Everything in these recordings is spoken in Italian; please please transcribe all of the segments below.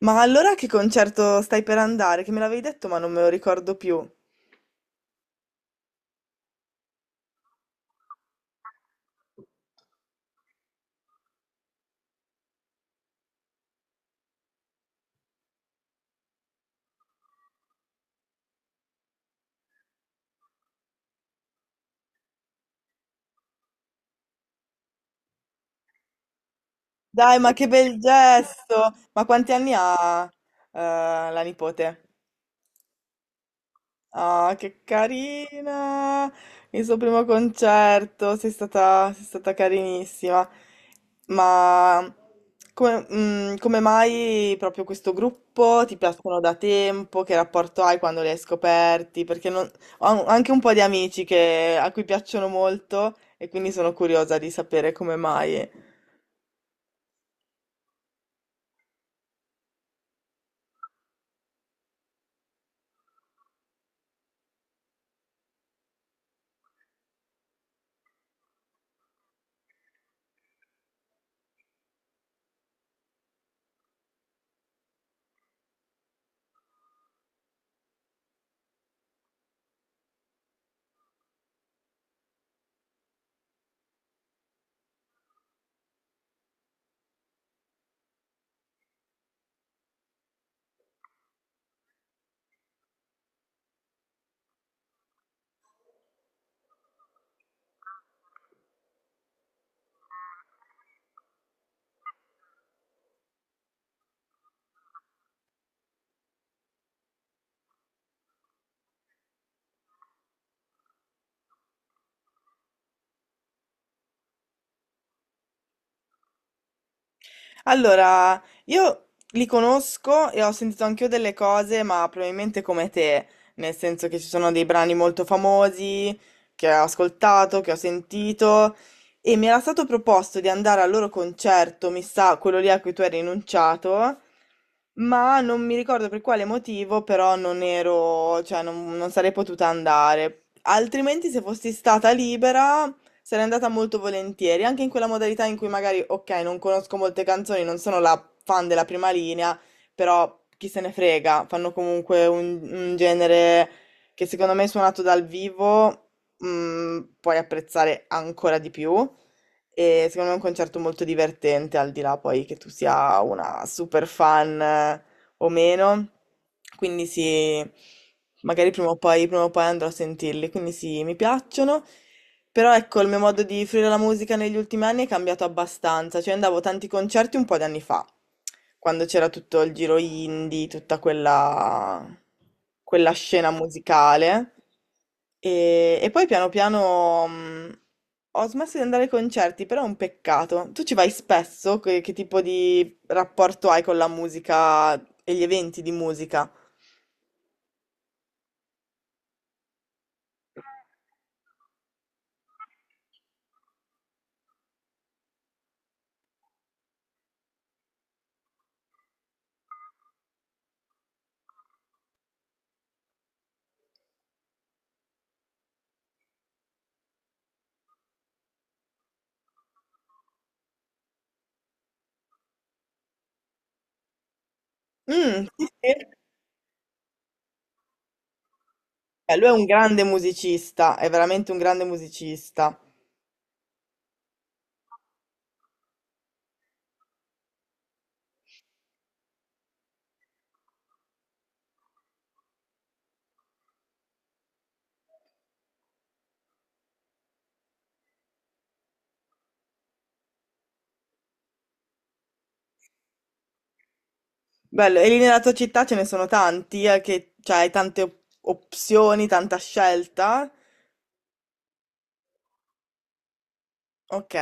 Ma allora a che concerto stai per andare? Che me l'avevi detto ma non me lo ricordo più. Dai, ma che bel gesto! Ma quanti anni ha, la nipote? Ah, che carina! Il suo primo concerto, sei stata carinissima. Ma come, come mai proprio questo gruppo? Ti piacciono da tempo? Che rapporto hai quando li hai scoperti? Perché non- Ho anche un po' di amici a cui piacciono molto e quindi sono curiosa di sapere come mai. Allora, io li conosco e ho sentito anch'io delle cose, ma probabilmente come te, nel senso che ci sono dei brani molto famosi che ho ascoltato, che ho sentito e mi era stato proposto di andare al loro concerto, mi sa, quello lì a cui tu hai rinunciato, ma non mi ricordo per quale motivo, però non ero, cioè non, non sarei potuta andare. Altrimenti se fossi stata libera sarei andata molto volentieri, anche in quella modalità in cui magari, ok, non conosco molte canzoni, non sono la fan della prima linea, però chi se ne frega, fanno comunque un genere che secondo me suonato dal vivo, puoi apprezzare ancora di più. E secondo me è un concerto molto divertente, al di là poi che tu sia una super fan o meno, quindi sì, magari prima o poi andrò a sentirli, quindi sì, mi piacciono, però ecco, il mio modo di fruire la musica negli ultimi anni è cambiato abbastanza, cioè andavo a tanti concerti un po' di anni fa, quando c'era tutto il giro indie, tutta quella, quella scena musicale, e poi piano piano. Ho smesso di andare ai concerti, però è un peccato. Tu ci vai spesso? Che tipo di rapporto hai con la musica e gli eventi di musica? Mm, sì, sì. Beh, lui è un grande musicista, è veramente un grande musicista. Bello, e lì nella tua città ce ne sono tanti, che cioè, hai tante opzioni, tanta scelta. Ok.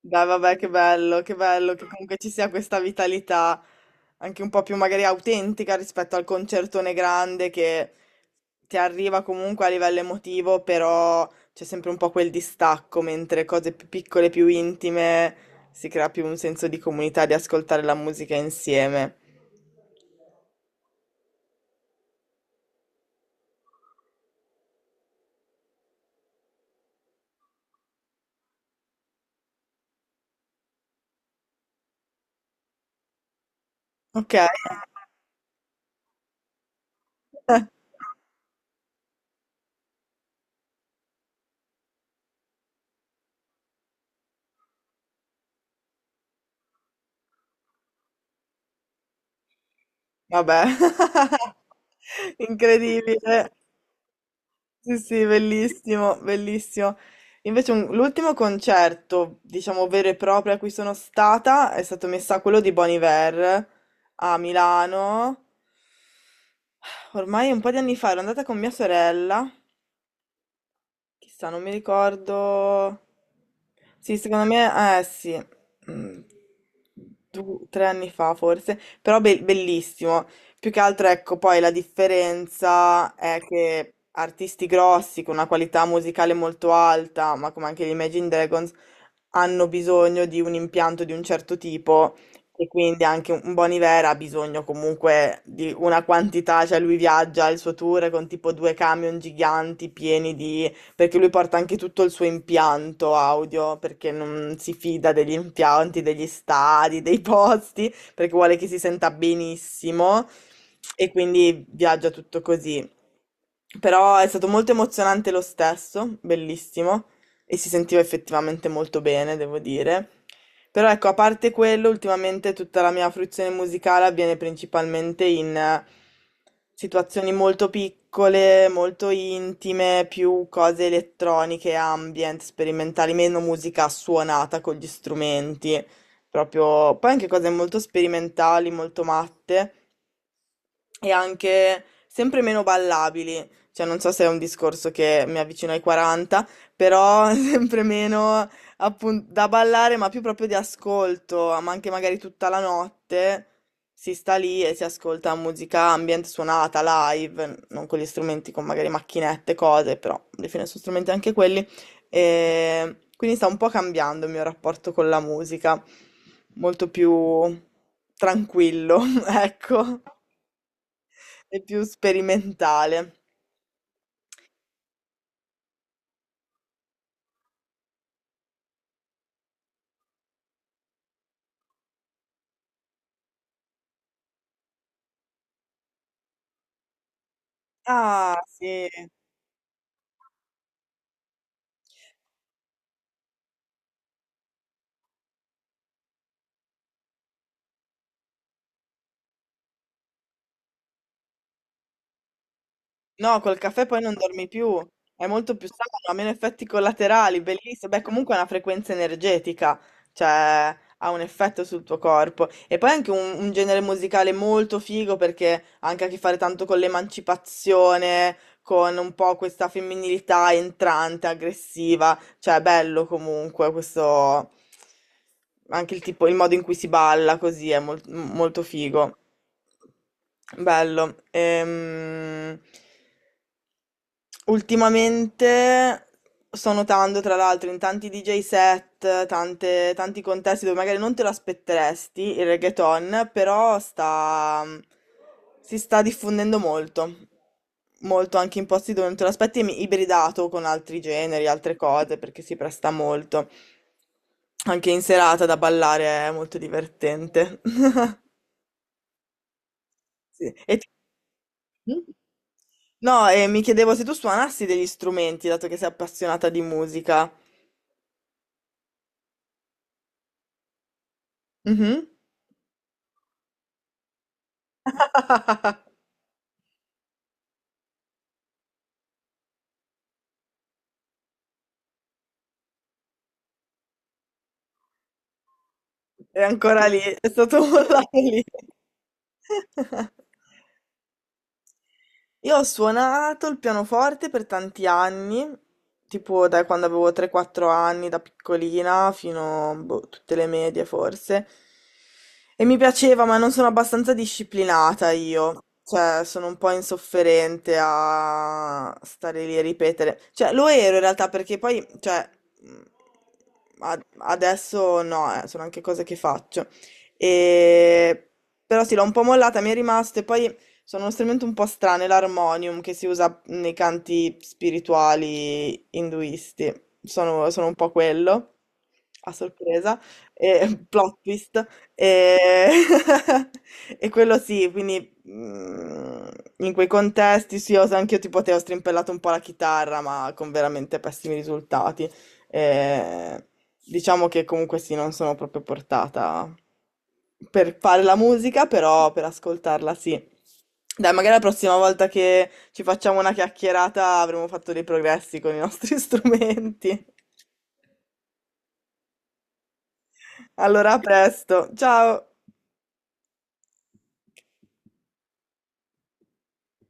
Beh, vabbè, che bello, che bello che comunque ci sia questa vitalità anche un po' più magari autentica rispetto al concertone grande che ti arriva comunque a livello emotivo, però c'è sempre un po' quel distacco, mentre cose più piccole, più intime, si crea più un senso di comunità, di ascoltare la musica insieme. Ok. Vabbè. Incredibile. Sì, sì, bellissimo, bellissimo. Invece l'ultimo concerto, diciamo vero e proprio a cui sono stata, è stato messa a quello di Bon Iver a Milano. Ormai un po' di anni fa ero andata con mia sorella. Chissà, non mi ricordo. Sì, secondo me, eh sì, mm, 3 anni fa forse, però bellissimo. Più che altro, ecco, poi la differenza è che artisti grossi con una qualità musicale molto alta, ma come anche gli Imagine Dragons, hanno bisogno di un impianto di un certo tipo e quindi anche un Bon Iver ha bisogno comunque di una quantità, cioè lui viaggia il suo tour con tipo 2 camion giganti pieni di perché lui porta anche tutto il suo impianto audio, perché non si fida degli impianti, degli stadi, dei posti, perché vuole che si senta benissimo e quindi viaggia tutto così. Però è stato molto emozionante lo stesso, bellissimo e si sentiva effettivamente molto bene, devo dire. Però ecco, a parte quello, ultimamente tutta la mia fruizione musicale avviene principalmente in situazioni molto piccole, molto intime, più cose elettroniche, ambient, sperimentali, meno musica suonata con gli strumenti, proprio poi anche cose molto sperimentali, molto matte e anche sempre meno ballabili. Cioè, non so se è un discorso che mi avvicina ai 40, però sempre meno appunto da ballare, ma più proprio di ascolto, ma anche magari tutta la notte si sta lì e si ascolta musica ambient suonata live, non con gli strumenti, con magari macchinette, cose, però alla fine sono strumenti anche quelli. E quindi sta un po' cambiando il mio rapporto con la musica, molto più tranquillo, ecco. È più sperimentale. Ah, sì. No, col caffè poi non dormi più, è molto più sano, ha meno effetti collaterali, bellissimo. Beh, comunque è una frequenza energetica, cioè ha un effetto sul tuo corpo. E poi è anche un genere musicale molto figo perché ha anche a che fare tanto con l'emancipazione, con un po' questa femminilità entrante, aggressiva, cioè è bello comunque questo, anche il tipo, il modo in cui si balla così è molto figo. Bello. Ultimamente sto notando, tra l'altro, in tanti DJ set, tanti contesti dove magari non te lo aspetteresti il reggaeton, però sta, si sta diffondendo molto, molto anche in posti dove non te lo aspetti, ibridato con altri generi, altre cose, perché si presta molto. Anche in serata da ballare è molto divertente. Sì. Mm. No, e mi chiedevo se tu suonassi degli strumenti, dato che sei appassionata di musica. Mhm. È ancora lì, è stato mollato lì. Io ho suonato il pianoforte per tanti anni, tipo da quando avevo 3-4 anni, da piccolina, fino a tutte le medie forse. E mi piaceva, ma non sono abbastanza disciplinata io. Cioè, sono un po' insofferente a stare lì a ripetere. Cioè, lo ero in realtà perché poi, cioè, mh, adesso no, sono anche cose che faccio. E... Però sì, l'ho un po' mollata, mi è rimasto e poi sono uno strumento un po' strano, è l'armonium che si usa nei canti spirituali induisti. Sono un po' quello, a sorpresa, e, plot twist. E, e quello sì, quindi mm, in quei contesti sì, ho, anche io tipo te ho strimpellato un po' la chitarra, ma con veramente pessimi risultati. E diciamo che comunque sì, non sono proprio portata per fare la musica, però per ascoltarla sì. Dai, magari la prossima volta che ci facciamo una chiacchierata avremo fatto dei progressi con i nostri strumenti. Allora, a presto. Ciao!